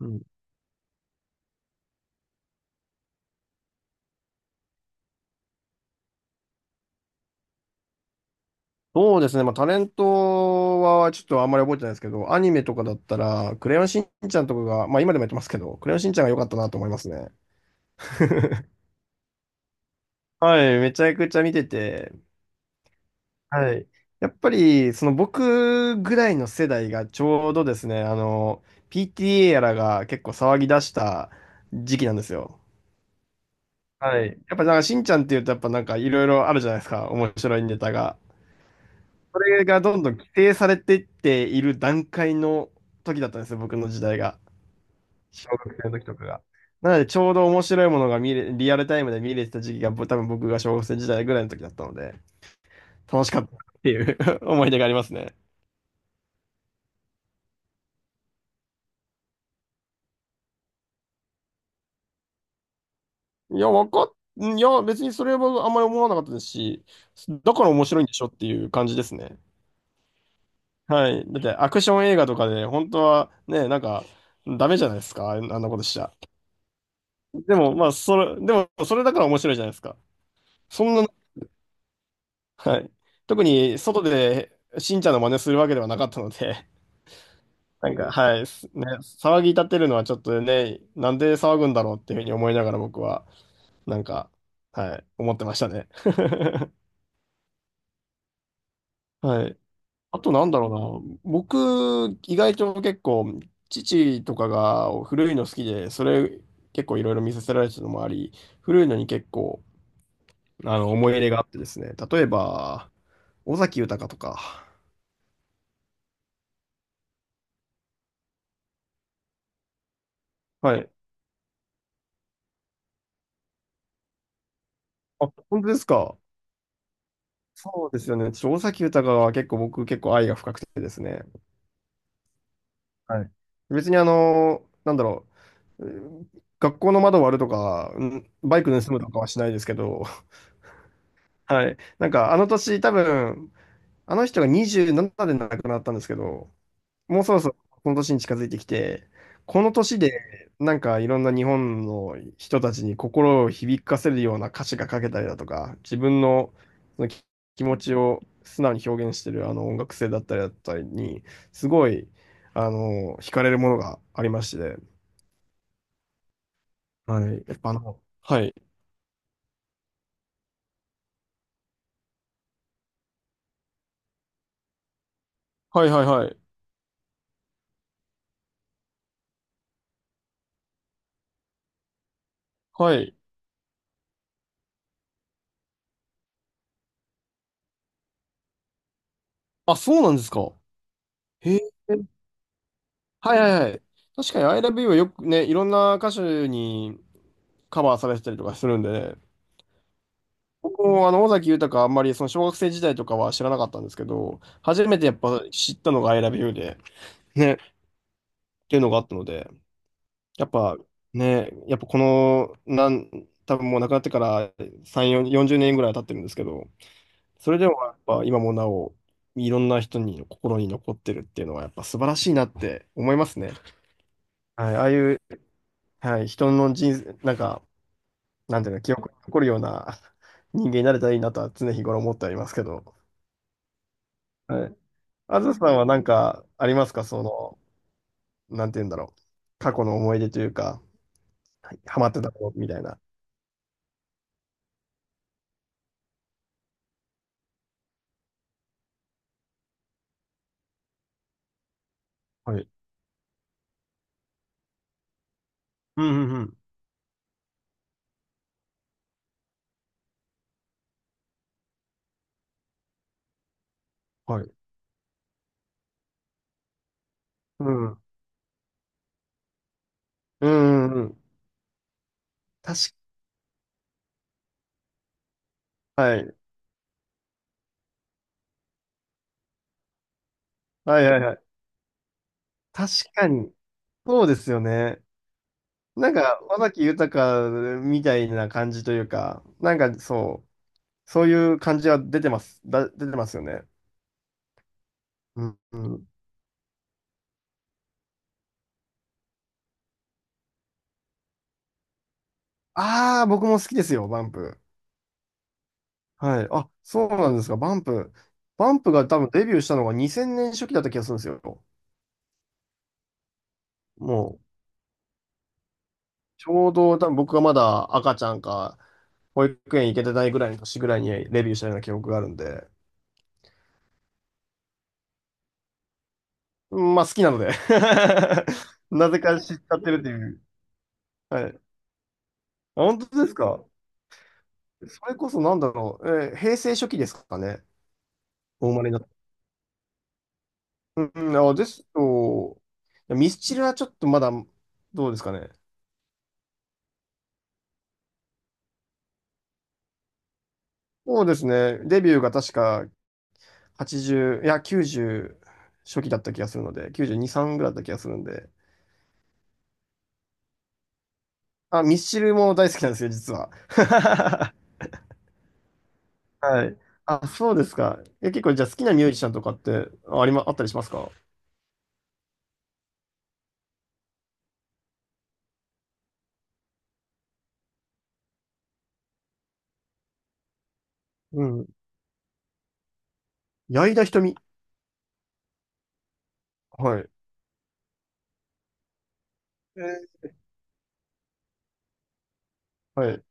うん、そうですね、まあ、タレントはちょっとあんまり覚えてないですけど、アニメとかだったら、クレヨンしんちゃんとかが、まあ今でもやってますけど、クレヨンしんちゃんが良かったなと思いますね。はい、めちゃくちゃ見てて、はい。やっぱり、その僕ぐらいの世代がちょうどですね、PTA やらが結構騒ぎ出した時期なんですよ。はい。やっぱなんかしんちゃんっていうと、やっぱなんかいろいろあるじゃないですか、面白いネタが。それがどんどん規定されていっている段階の時だったんですよ、僕の時代が。小学生の時とかが。なので、ちょうど面白いものがリアルタイムで見れてた時期が、多分僕が小学生時代ぐらいの時だったので、楽しかったっていう 思い出がありますね。いや、わかっ、いや、別にそれはあんまり思わなかったですし、だから面白いんでしょっていう感じですね。はい。だって、アクション映画とかで、本当はね、なんか、ダメじゃないですか、あんなことしちゃ。でも、まあ、それだから面白いじゃないですか。そんな、はい。特に外でしんちゃんの真似するわけではなかったので、なんか、はい、騒ぎ立てるのはちょっとね、なんで騒ぐんだろうっていうふうに思いながら僕は、なんか、はい、思ってましたね。はい。あとなんだろうな、僕、意外と結構、父とかが古いの好きで、それ結構いろいろ見させられてたのもあり、古いのに結構、あの、思い入れがあってですね、例えば、尾崎豊とか、はい。あ、本当ですか。そうですよね。ちょっと尾崎豊は結構僕結構愛が深くてですね。はい。別にあの、なんだろう、うん、学校の窓割るとか、うんバイク盗むとかはしないですけど、はい。なんかあの年多分、あの人が27で亡くなったんですけど、もうそろそろこの年に近づいてきて、この年でなんかいろんな日本の人たちに心を響かせるような歌詞が書けたりだとか、自分のその気持ちを素直に表現してるあの音楽性だったりに、すごい、あの、惹かれるものがありまして、はい。やっぱあの、はい。はいはいはい。はい。あ、そうなんですか。へえ。はいはいはい。確かに I love you はよくね、いろんな歌手にカバーされてたりとかするんでね、僕もあの尾崎豊あんまりその小学生時代とかは知らなかったんですけど、初めてやっぱ知ったのが I love you で、ね、っていうのがあったので、やっぱね、やっぱこの、多分もう亡くなってから3、4 40年ぐらい経ってるんですけど、それでもやっぱ今もなお、いろんな人に心に残ってるっていうのはやっぱ素晴らしいなって思いますね。はい、ああいう、はい、人の人生、なんか、なんていうの、記憶に残るような人間になれたらいいなとは常日頃思ってはいますけど。はい。あずさんはなんかありますか？その、なんて言うんだろう。過去の思い出というか、はい、ハマってたことみたいな。はい。うんうんはい。うん。はいうん。うんうんうん。確はい。はいはいはい。確かに。そうですよね。なんか、尾崎豊みたいな感じというか、なんかそう、そういう感じは出てます。出てますよね。うん、うん。ああ、僕も好きですよ、バンプ。はい。あ、そうなんですか。バンプ。バンプが多分デビューしたのが2000年初期だった気がするんですよ。もう、ちょうど多分僕がまだ赤ちゃんか、保育園行けてないぐらいの年ぐらいにレビューしたような記憶があるんで。うん、まあ好きなので なぜか知っちゃってるっていう。はい。あ、本当ですか。それこそなんだろう。平成初期ですかね。お生まれになった。うん、あ、ですと、ミスチルはちょっとまだ、どうですかね。そうですね。デビューが確か80、いや、90初期だった気がするので、92、3ぐらいだった気がするんで。あ、ミスチルも大好きなんですよ、実は。はい。あ、そうですか。え、結構じゃあ好きなミュージシャンとかってあありま、あったりしますか？うん。矢井田瞳。はい。えーはい。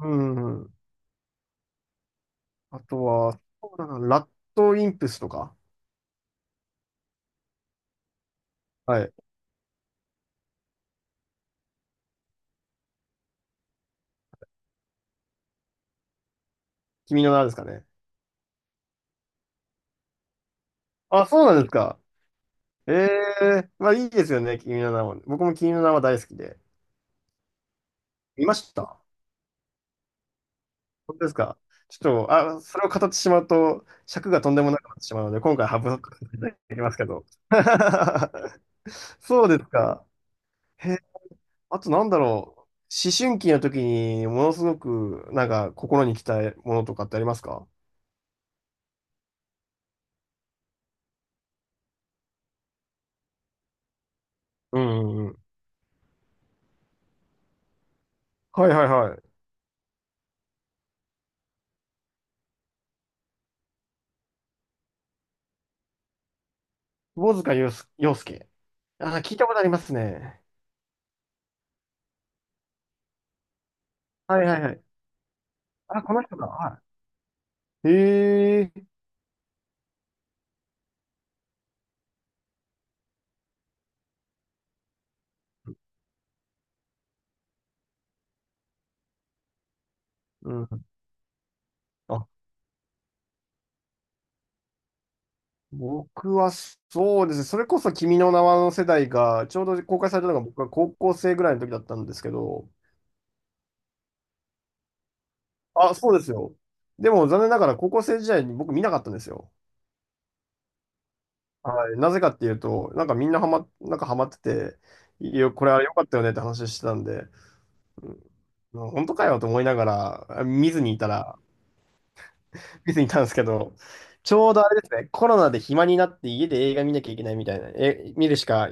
うんうん。あとは、そうだな、ラッドインプスとか。はい。君の名はですかね。あ、そうなんですか。ええ、まあいいですよね、君の名は。僕も君の名は大好きで。見ました。本当ですか。ちょっと、あ、それを語ってしまうと、尺がとんでもなくなってしまうので、今回省くことになりますけど。そうですか。へ、あとなんだろう。思春期の時に、ものすごく、なんか、心に来たものとかってありますか？うんうんうん。はいはいはい。窪塚洋介。洋介、あ、聞いたことありますね。はいはいはい。あ、この人か。はい。へえ。うん。あ、僕はそうですね、それこそ君の名はの世代が、ちょうど公開されたのが僕は高校生ぐらいの時だったんですけど、あ、そうですよ。でも残念ながら高校生時代に僕見なかったんですよ。はい。なぜかっていうと、なんかみんなハマ、なんかハマってて、いやこれあれ良かったよねって話してたんで、うん、本当かよと思いながら、あ、見ずにいたら、見ずにいたんですけど、ちょうどあれですね、コロナで暇になって家で映画見なきゃいけないみたいな、え、見るしか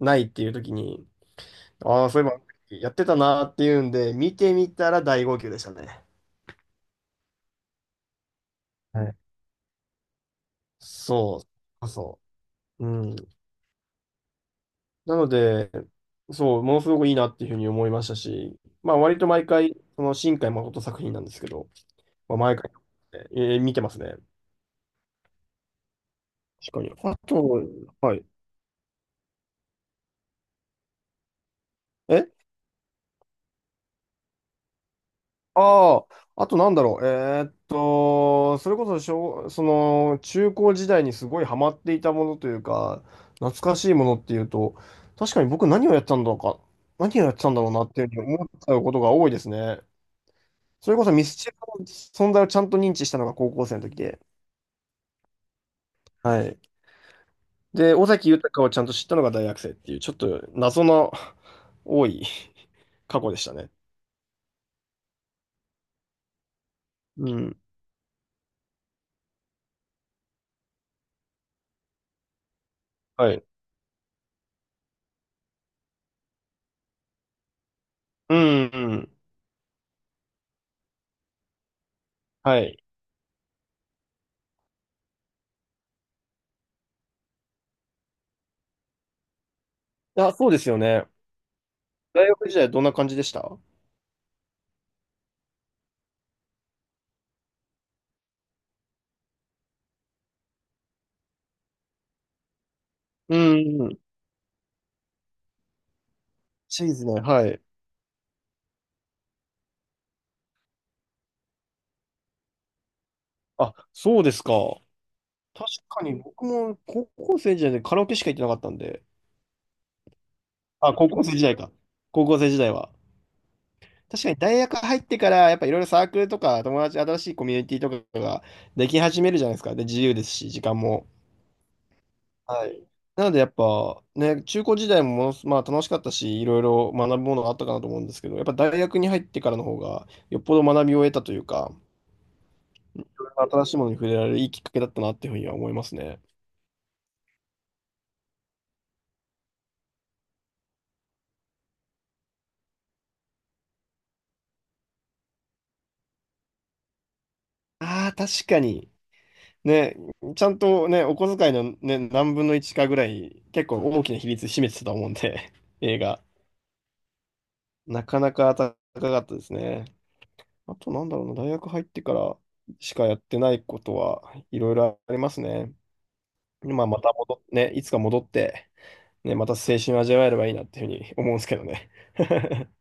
ないっていう時に、ああ、そういえば、やってたなーっていうんで、見てみたら大号泣でしたね。はい。そう、そう。うん。なので、そう、ものすごくいいなっていうふうに思いましたし、まあ、割と毎回、その新海誠作品なんですけど、まあ、毎回、見てますね。確かに。あと、はい。えああ、あとなんだろう。それこそその、中高時代にすごいハマっていたものというか、懐かしいものっていうと、確かに僕何をやってたんだろうか、何をやってたんだろうなっていうふうに思っちゃうことが多いですね。それこそミスチルの存在をちゃんと認知したのが高校生の時で、はい。で、尾崎豊をちゃんと知ったのが大学生っていう、ちょっと謎の多い 過去でしたね。うん。はい。うん、うん。はい。あ、そうですよね。大学時代どんな感じでした？うん。チーズね、はい。あ、そうですか。確かに僕も高校生時代でカラオケしか行ってなかったんで。あ、高校生時代か。高校生時代は。確かに大学入ってから、やっぱいろいろサークルとか友達、新しいコミュニティとかができ始めるじゃないですか。で、自由ですし、時間も。はい。なのでやっぱね、中高時代もものすまあ楽しかったし、いろいろ学ぶものがあったかなと思うんですけど、やっぱ大学に入ってからの方がよっぽど学びを得たというか、新しいものに触れられるいいきっかけだったなっていうふうには思いますね。ああ、確かに。ね、ちゃんとね、お小遣いのね、何分の1かぐらい、結構大きな比率占めてたと思うんで、映画。なかなか高かったですね。あとなんだろうな、大学入ってからしかやってないことはいろいろありますね。まあ、また戻っ、ね、いつか戻って、ね、また青春味わえればいいなっていうふうに思うんですけどね。